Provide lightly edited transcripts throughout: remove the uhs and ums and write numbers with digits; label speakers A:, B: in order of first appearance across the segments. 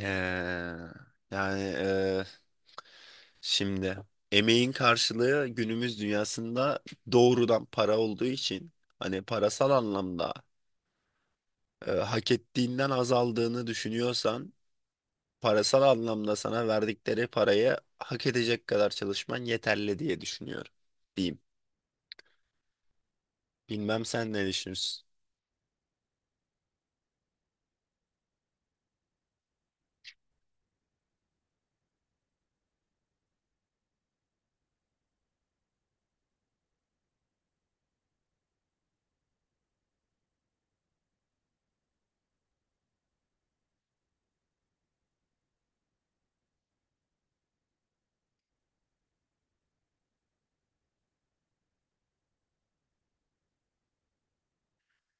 A: Ee, yani e, şimdi emeğin karşılığı günümüz dünyasında doğrudan para olduğu için hani parasal anlamda hak ettiğinden azaldığını düşünüyorsan parasal anlamda sana verdikleri parayı hak edecek kadar çalışman yeterli diye düşünüyorum diyeyim. Bilmem sen ne düşünürsün?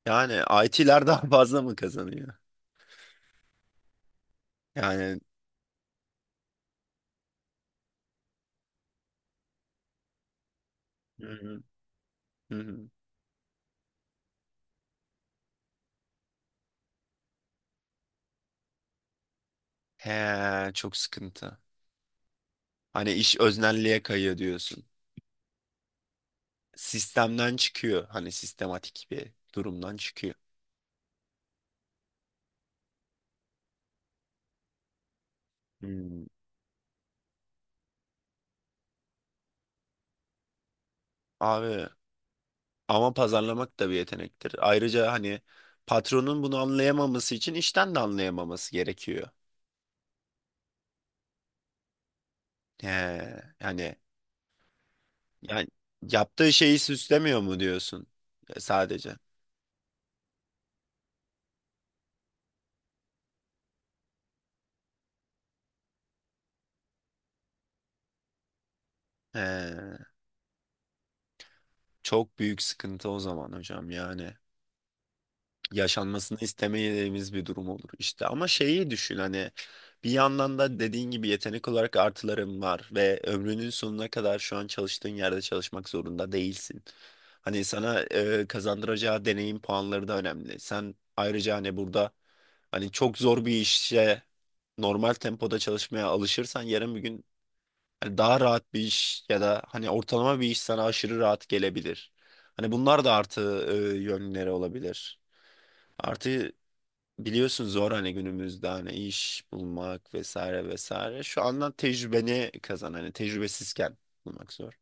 A: Yani IT'ler daha fazla mı kazanıyor? Yani, hı hı, hı hı. He, çok sıkıntı. Hani iş öznelliğe kayıyor diyorsun, sistemden çıkıyor. Hani sistematik bir durumdan çıkıyor. Hmm. Abi, ama pazarlamak da bir yetenektir. Ayrıca hani patronun bunu anlayamaması için işten de anlayamaması gerekiyor. He, yani yani yaptığı şeyi süslemiyor mu diyorsun? E, sadece. He, çok büyük sıkıntı o zaman hocam yani. Yaşanmasını istemediğimiz bir durum olur işte. Ama şeyi düşün, hani bir yandan da dediğin gibi yetenek olarak artıların var ve ömrünün sonuna kadar şu an çalıştığın yerde çalışmak zorunda değilsin. Hani sana kazandıracağı deneyim puanları da önemli. Sen ayrıca hani burada hani çok zor bir işe normal tempoda çalışmaya alışırsan yarın bir gün hani daha rahat bir iş ya da hani ortalama bir iş sana aşırı rahat gelebilir. Hani bunlar da artı yönleri olabilir. Artı, biliyorsun zor hani günümüzde hani iş bulmak vesaire vesaire. Şu andan tecrübeni kazan, hani tecrübesizken bulmak zor.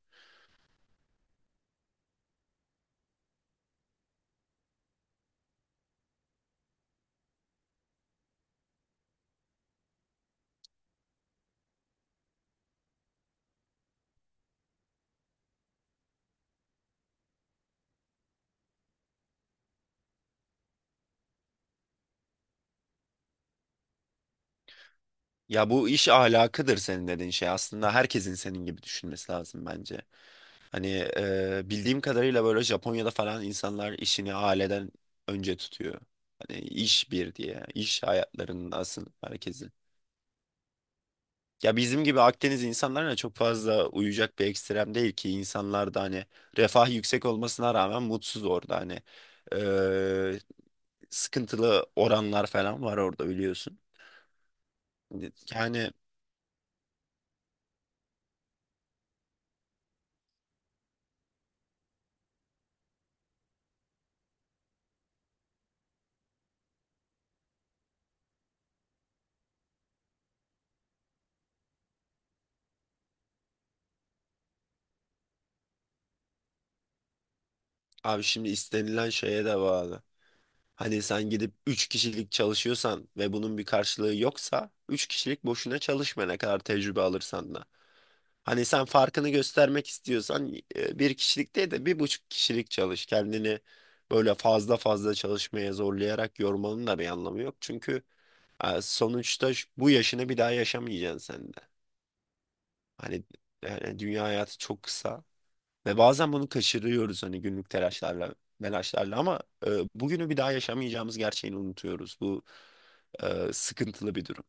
A: Ya bu iş ahlakıdır senin dediğin şey. Aslında herkesin senin gibi düşünmesi lazım bence. Hani bildiğim kadarıyla böyle Japonya'da falan insanlar işini aileden önce tutuyor. Hani iş bir diye. İş hayatlarının asıl merkezi. Ya bizim gibi Akdeniz insanlarına çok fazla uyacak bir ekstrem değil ki, insanlar da hani refah yüksek olmasına rağmen mutsuz orada hani. Eee, Sıkıntılı oranlar falan var orada biliyorsun. Yani abi şimdi istenilen şeye de bağlı. Hani sen gidip 3 kişilik çalışıyorsan ve bunun bir karşılığı yoksa 3 kişilik boşuna çalışma ne kadar tecrübe alırsan da. Hani sen farkını göstermek istiyorsan bir kişilik değil de bir buçuk kişilik çalış. Kendini böyle fazla fazla çalışmaya zorlayarak yormanın da bir anlamı yok. Çünkü sonuçta bu yaşını bir daha yaşamayacaksın sen de. Hani yani dünya hayatı çok kısa ve bazen bunu kaçırıyoruz hani günlük telaşlarla, melaşlarla ama bugünü bir daha yaşamayacağımız gerçeğini unutuyoruz. Bu sıkıntılı bir durum.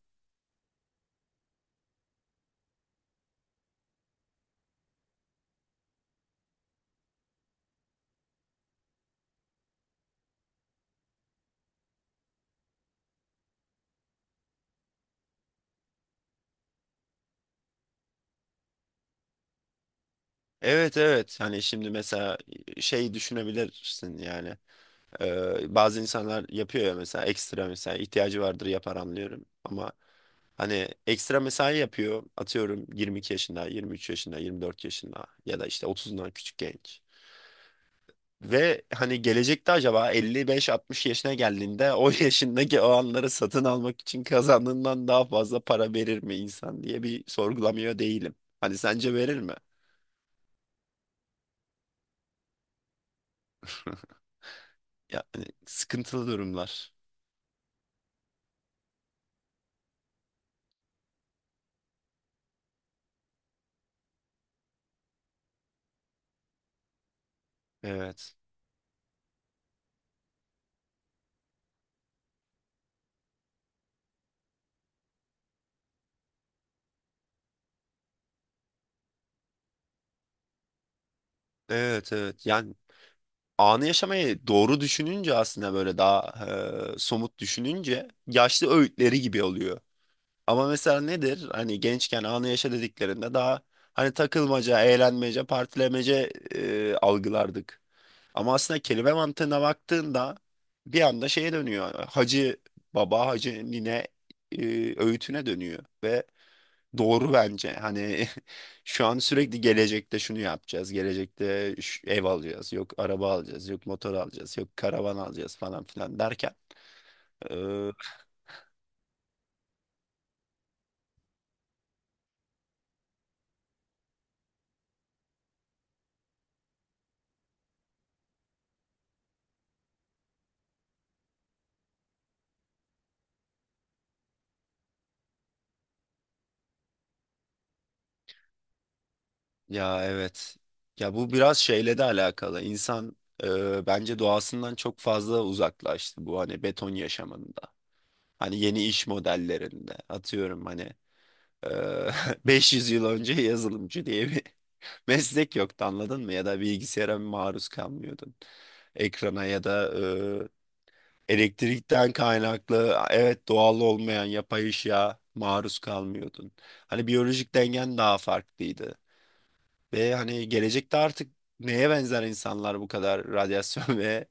A: Evet evet, hani şimdi mesela şey düşünebilirsin yani. Bazı insanlar yapıyor ya mesela ekstra, mesela ihtiyacı vardır yapar anlıyorum. Ama hani ekstra mesai yapıyor atıyorum 22 yaşında, 23 yaşında, 24 yaşında ya da işte 30'undan küçük genç. Ve hani gelecekte acaba 55-60 yaşına geldiğinde o yaşındaki o anları satın almak için kazandığından daha fazla para verir mi insan diye bir sorgulamıyor değilim. Hani sence verir mi? Yani sıkıntılı durumlar. Evet. Evet evet. Yani anı yaşamayı doğru düşününce aslında böyle daha somut düşününce yaşlı öğütleri gibi oluyor. Ama mesela nedir? Hani gençken anı yaşa dediklerinde daha hani takılmaca, eğlenmece, partilemece algılardık. Ama aslında kelime mantığına baktığında bir anda şeye dönüyor. Hacı baba, hacı nine e, öğütüne dönüyor ve doğru bence. Hani şu an sürekli gelecekte şunu yapacağız. Gelecekte şu ev alacağız. Yok araba alacağız. Yok motor alacağız. Yok karavan alacağız falan filan derken. eee, Ya evet. Ya bu biraz şeyle de alakalı. İnsan, bence doğasından çok fazla uzaklaştı bu hani beton yaşamında. Hani yeni iş modellerinde. Atıyorum hani eee, 500 yıl önce yazılımcı diye bir meslek yoktu, anladın mı? Ya da bilgisayara maruz kalmıyordun. Ekrana ya da elektrikten kaynaklı, evet, doğal olmayan yapay ışığa maruz kalmıyordun. Hani biyolojik dengen daha farklıydı. Ve hani gelecekte artık neye benzer insanlar bu kadar radyasyon ve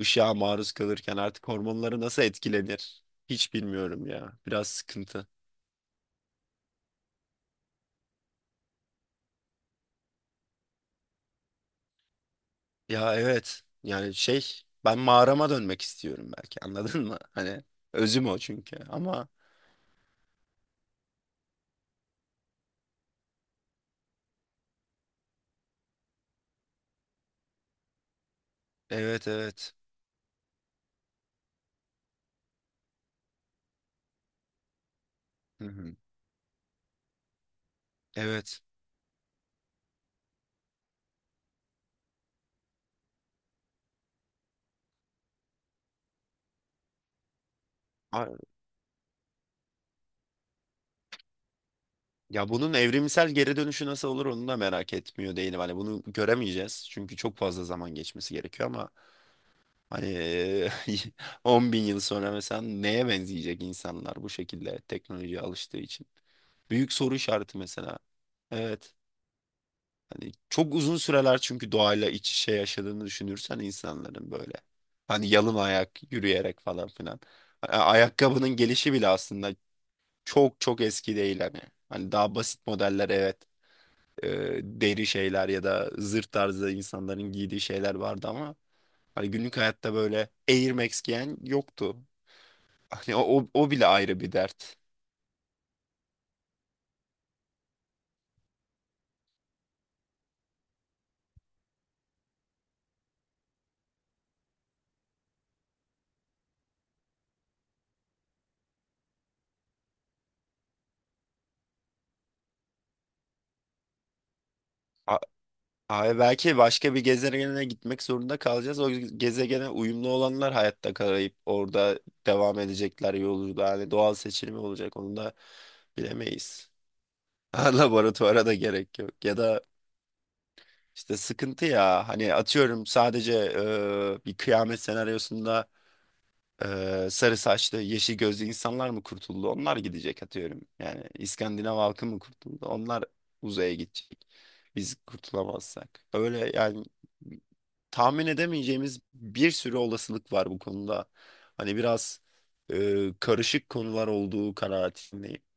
A: ışığa maruz kalırken artık hormonları nasıl etkilenir? Hiç bilmiyorum ya. Biraz sıkıntı. Ya evet. Yani şey, ben mağarama dönmek istiyorum belki, anladın mı? Hani özüm o çünkü ama evet evet. Hı hı. Evet. A- Ya bunun evrimsel geri dönüşü nasıl olur onu da merak etmiyor değilim. Hani bunu göremeyeceğiz. Çünkü çok fazla zaman geçmesi gerekiyor ama hani 10 bin yıl sonra mesela neye benzeyecek insanlar bu şekilde teknolojiye alıştığı için? Büyük soru işareti mesela. Evet. Hani çok uzun süreler, çünkü doğayla iç içe yaşadığını düşünürsen insanların böyle. Hani yalın ayak yürüyerek falan filan. Ayakkabının gelişi bile aslında çok çok eski değil hani. Hani daha basit modeller, evet, deri şeyler ya da zırt tarzı insanların giydiği şeyler vardı ama hani günlük hayatta böyle Air Max giyen yoktu. Hani o bile ayrı bir dert. Abi belki başka bir gezegene gitmek zorunda kalacağız. O gezegene uyumlu olanlar hayatta kalayıp orada devam edecekler yolculuğa. Yani doğal seçilimi olacak onu da bilemeyiz. Ha, laboratuvara da gerek yok. Ya da işte sıkıntı ya. Hani atıyorum sadece bir kıyamet senaryosunda sarı saçlı, yeşil gözlü insanlar mı kurtuldu? Onlar gidecek atıyorum. Yani İskandinav halkı mı kurtuldu? Onlar uzaya gidecek. Biz kurtulamazsak. Öyle yani tahmin edemeyeceğimiz bir sürü olasılık var bu konuda. Hani biraz karışık konular olduğu kanaatindeyim.